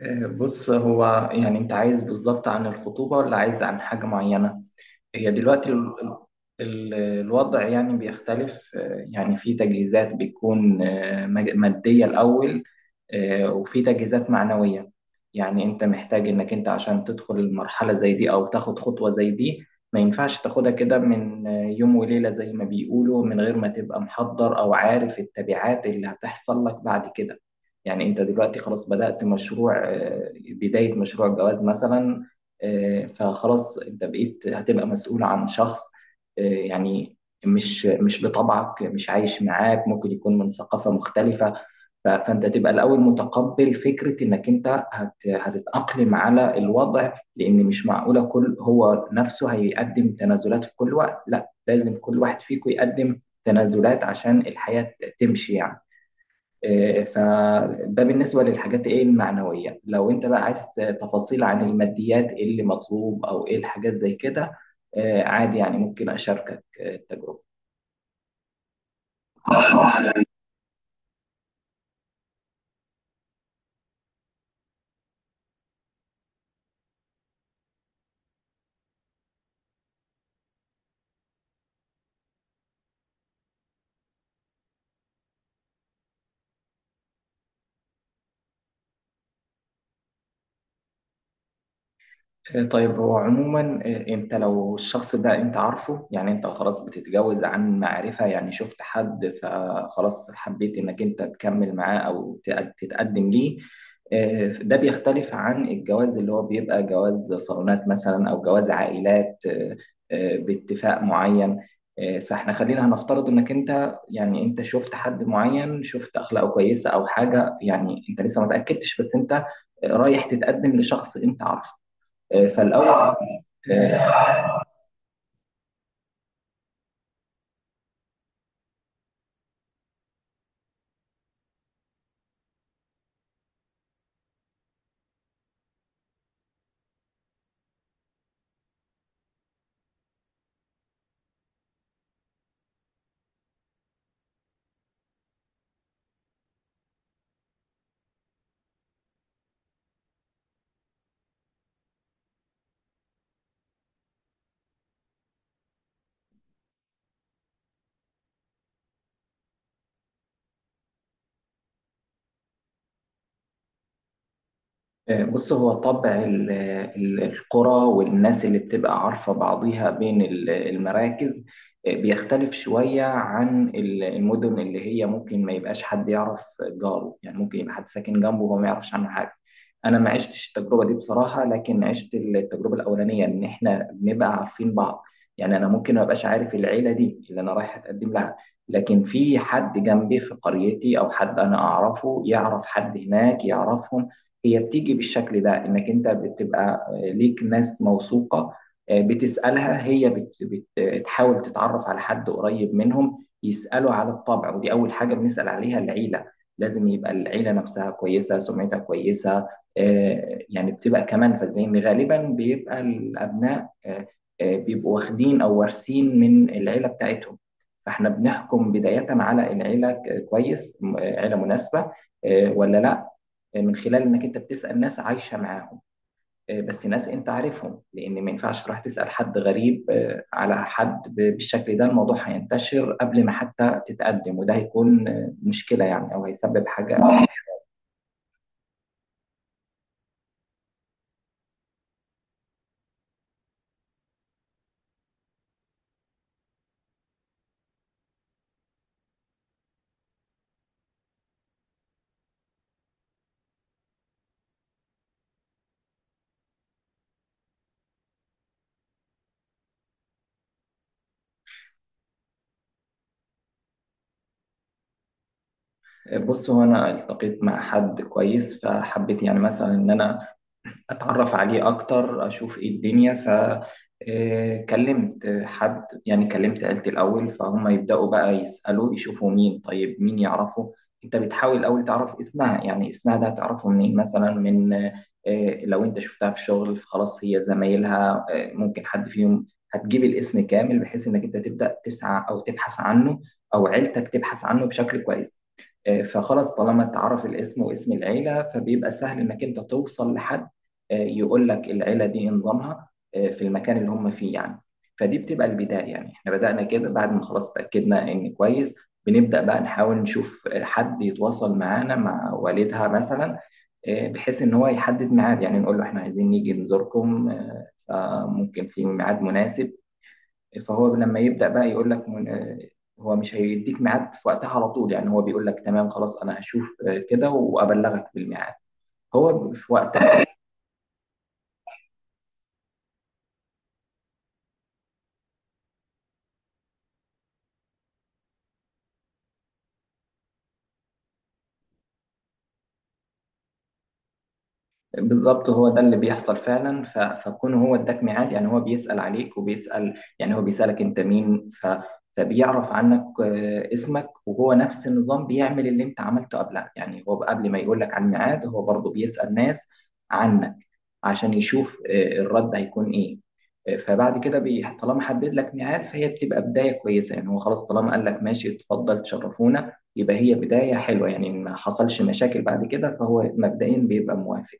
بص، هو يعني انت عايز بالظبط عن الخطوبة ولا عايز عن حاجة معينة؟ هي دلوقتي الوضع يعني بيختلف، يعني في تجهيزات بتكون مادية الأول، وفي تجهيزات معنوية. يعني أنت محتاج إنك أنت عشان تدخل المرحلة زي دي أو تاخد خطوة زي دي ما ينفعش تاخدها كده من يوم وليلة زي ما بيقولوا، من غير ما تبقى محضر أو عارف التبعات اللي هتحصل لك بعد كده. يعني أنت دلوقتي خلاص بدأت مشروع، بداية مشروع جواز مثلا، فخلاص انت بقيت هتبقى مسؤول عن شخص، يعني مش بطبعك، مش عايش معاك، ممكن يكون من ثقافة مختلفة. فانت تبقى الاول متقبل فكرة انك انت هتتأقلم على الوضع، لان مش معقولة كل هو نفسه هيقدم تنازلات في كل وقت، لا، لازم كل واحد فيكم يقدم تنازلات عشان الحياة تمشي يعني. فده بالنسبة للحاجات ايه المعنوية، لو انت بقى عايز تفاصيل عن الماديات ايه اللي مطلوب او ايه الحاجات زي كده، عادي، يعني ممكن اشاركك التجربة. طيب، هو عموما، انت لو الشخص ده انت عارفه، يعني انت خلاص بتتجوز عن معرفة، يعني شفت حد فخلاص حبيت انك انت تكمل معاه او تتقدم ليه، ده بيختلف عن الجواز اللي هو بيبقى جواز صالونات مثلا او جواز عائلات، باتفاق معين. فاحنا خلينا هنفترض انك انت، يعني انت شفت حد معين، شفت اخلاقه كويسة او حاجة، يعني انت لسه ما تأكدتش بس انت رايح تتقدم لشخص انت عارفه، فالاول، بص، هو طبع القرى والناس اللي بتبقى عارفة بعضيها بين المراكز بيختلف شوية عن المدن اللي هي ممكن ما يبقاش حد يعرف جاره، يعني ممكن يبقى حد ساكن جنبه وما يعرفش عنه حاجة. أنا ما عشتش التجربة دي بصراحة، لكن عشت التجربة الأولانية إن إحنا بنبقى عارفين بعض. يعني أنا ممكن ما أبقاش عارف العيلة دي اللي أنا رايح أتقدم لها، لكن في حد جنبي في قريتي أو حد أنا أعرفه يعرف حد هناك يعرفهم. هي بتيجي بالشكل ده، انك انت بتبقى ليك ناس موثوقة، بتسألها، هي بتحاول تتعرف على حد قريب منهم يسألوا على الطبع، ودي أول حاجة بنسأل عليها، العيلة. لازم يبقى العيلة نفسها كويسة، سمعتها كويسة، يعني بتبقى كمان لأن غالبا بيبقى الأبناء، بيبقوا واخدين أو وارثين من العيلة بتاعتهم. فاحنا بنحكم بداية على العيلة كويس، عيلة مناسبة ولا لا، من خلال انك انت بتسال ناس عايشه معاهم، بس ناس انت عارفهم، لان ما ينفعش تروح تسال حد غريب على حد بالشكل ده، الموضوع هينتشر قبل ما حتى تتقدم، وده هيكون مشكله يعني، او هيسبب حاجه. بص، هو انا التقيت مع حد كويس فحبيت يعني مثلا ان انا اتعرف عليه اكتر، اشوف ايه الدنيا، ف آه، كلمت حد، يعني كلمت عيلتي الاول فهم يبداوا بقى يسالوا يشوفوا مين، طيب، مين يعرفه. انت بتحاول الاول تعرف اسمها، يعني اسمها ده هتعرفه منين مثلا، من لو انت شفتها في شغل فخلاص هي زمايلها ممكن حد فيهم. هتجيب الاسم كامل بحيث انك انت تبدا تسعى او تبحث عنه، او عيلتك تبحث عنه بشكل كويس. فخلاص طالما اتعرف الاسم واسم العيلة، فبيبقى سهل انك انت توصل لحد يقول لك العيلة دي إيه نظامها في المكان اللي هم فيه يعني. فدي بتبقى البداية، يعني احنا بدأنا كده بعد ما خلاص اتأكدنا ان كويس، بنبدأ بقى نحاول نشوف حد يتواصل معانا، مع والدها مثلا، بحيث ان هو يحدد ميعاد، يعني نقول له احنا عايزين نيجي نزوركم، فممكن في ميعاد مناسب. فهو لما يبدأ بقى يقول لك، هو مش هيديك ميعاد في وقتها على طول، يعني هو بيقول لك تمام خلاص انا هشوف كده وابلغك بالميعاد هو في وقتها. بالظبط هو ده اللي بيحصل فعلا، فكون هو اداك ميعاد، يعني هو بيسأل عليك وبيسأل، يعني هو بيسألك انت مين، فبيعرف عنك اسمك، وهو نفس النظام بيعمل اللي انت عملته قبلها، يعني هو قبل ما يقول لك على الميعاد هو برضه بيسأل ناس عنك عشان يشوف الرد هيكون ايه. فبعد كده طالما حدد لك ميعاد، فهي بتبقى بداية كويسة، يعني هو خلاص طالما قال لك ماشي اتفضل تشرفونا يبقى هي بداية حلوة، يعني ما حصلش مشاكل بعد كده فهو مبدئيا بيبقى موافق.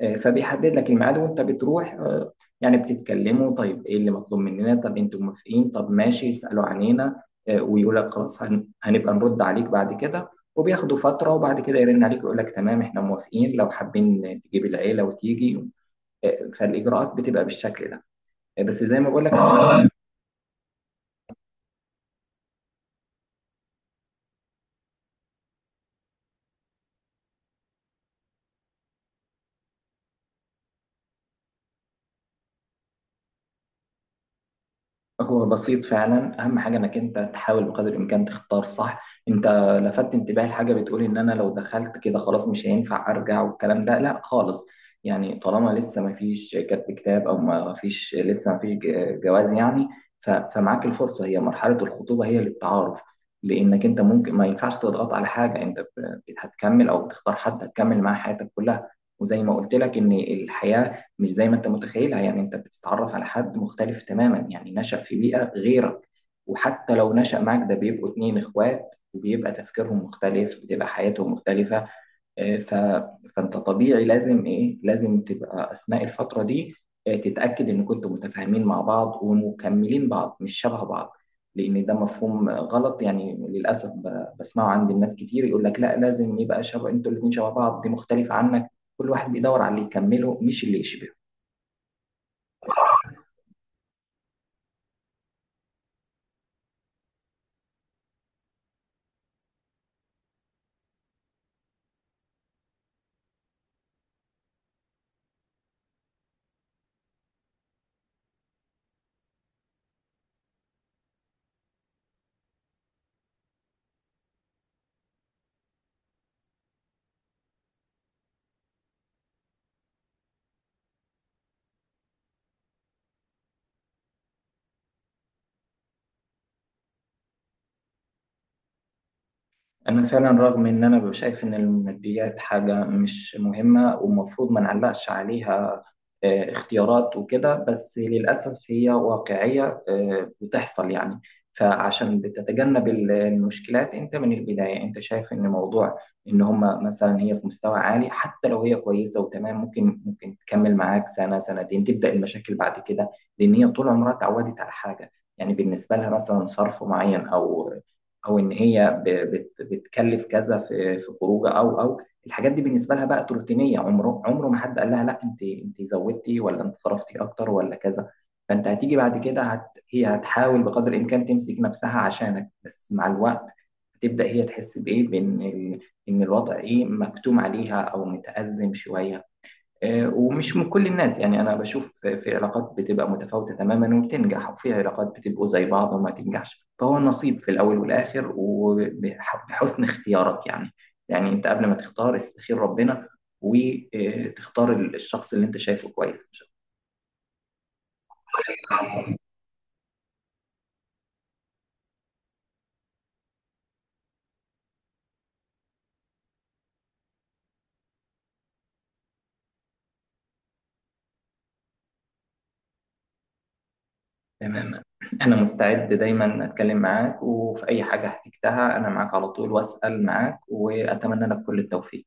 فبيحدد لك الميعاد وانت بتروح، يعني بتتكلموا، طيب ايه اللي مطلوب مننا، طب انتوا موافقين، طب ماشي يسألوا عنينا، ويقول لك خلاص، هنبقى نرد عليك بعد كده، وبياخدوا فترة وبعد كده يرن عليك يقول لك تمام احنا موافقين لو حابين تجيب العيلة وتيجي. فالإجراءات بتبقى بالشكل ده، بس زي ما بقول لك عشان هو بسيط فعلا، اهم حاجه انك انت تحاول بقدر الامكان تختار صح. انت لفت انتباهي لحاجه، بتقول ان انا لو دخلت كده خلاص مش هينفع ارجع، والكلام ده لا خالص. يعني طالما لسه ما فيش كتب كتاب او ما فيش لسه ما فيش جواز يعني، فمعاك الفرصه، هي مرحله الخطوبه هي للتعارف، لانك انت ممكن ما ينفعش تضغط على حاجه انت هتكمل، او بتختار حد هتكمل معاه حياتك كلها. وزي ما قلت لك ان الحياه مش زي ما انت متخيلها، يعني انت بتتعرف على حد مختلف تماما، يعني نشأ في بيئة غيرك، وحتى لو نشأ معك ده بيبقوا اتنين اخوات وبيبقى تفكيرهم مختلف، بتبقى حياتهم مختلفة. آه، ف... فانت طبيعي لازم ايه، لازم تبقى اثناء الفترة دي تتأكد ان كنتوا متفاهمين مع بعض ومكملين بعض مش شبه بعض. لان ده مفهوم غلط يعني، للاسف بسمعه عند الناس كتير، يقول لك لا لازم يبقى شبه، انتوا الاتنين شبه بعض، دي مختلفة عنك. كل واحد بيدور على اللي يكمله مش اللي يشبهه. أنا فعلا رغم إن أنا ببقى شايف إن الماديات حاجة مش مهمة ومفروض ما نعلقش عليها اختيارات وكده، بس للأسف هي واقعية بتحصل يعني. فعشان بتتجنب المشكلات أنت من البداية، أنت شايف إن موضوع إن هما مثلا هي في مستوى عالي، حتى لو هي كويسة وتمام ممكن تكمل معاك سنة سنتين تبدأ المشاكل بعد كده. لأن هي طول عمرها اتعودت على حاجة، يعني بالنسبة لها مثلا صرف معين، أو او ان هي بتكلف كذا في خروجه، او الحاجات دي بالنسبه لها بقت روتينيه. عمره عمره ما حد قال لها لا، انت زودتي، ولا انت صرفتي اكتر، ولا كذا. فانت هتيجي بعد كده، هي هتحاول بقدر الامكان تمسك نفسها عشانك، بس مع الوقت هتبدا هي تحس بايه، بان ان الوضع ايه، مكتوم عليها او متأزم شويه. ومش من كل الناس، يعني أنا بشوف في علاقات بتبقى متفاوتة تماما وبتنجح، وفي علاقات بتبقوا زي بعض وما تنجحش، فهو النصيب في الأول والآخر وبحسن اختيارك يعني. يعني أنت قبل ما تختار استخير ربنا، وتختار الشخص اللي أنت شايفه كويس مش تماما. أنا مستعد دايما أتكلم معاك، وفي أي حاجة احتجتها أنا معاك على طول، وأسأل معاك، وأتمنى لك كل التوفيق.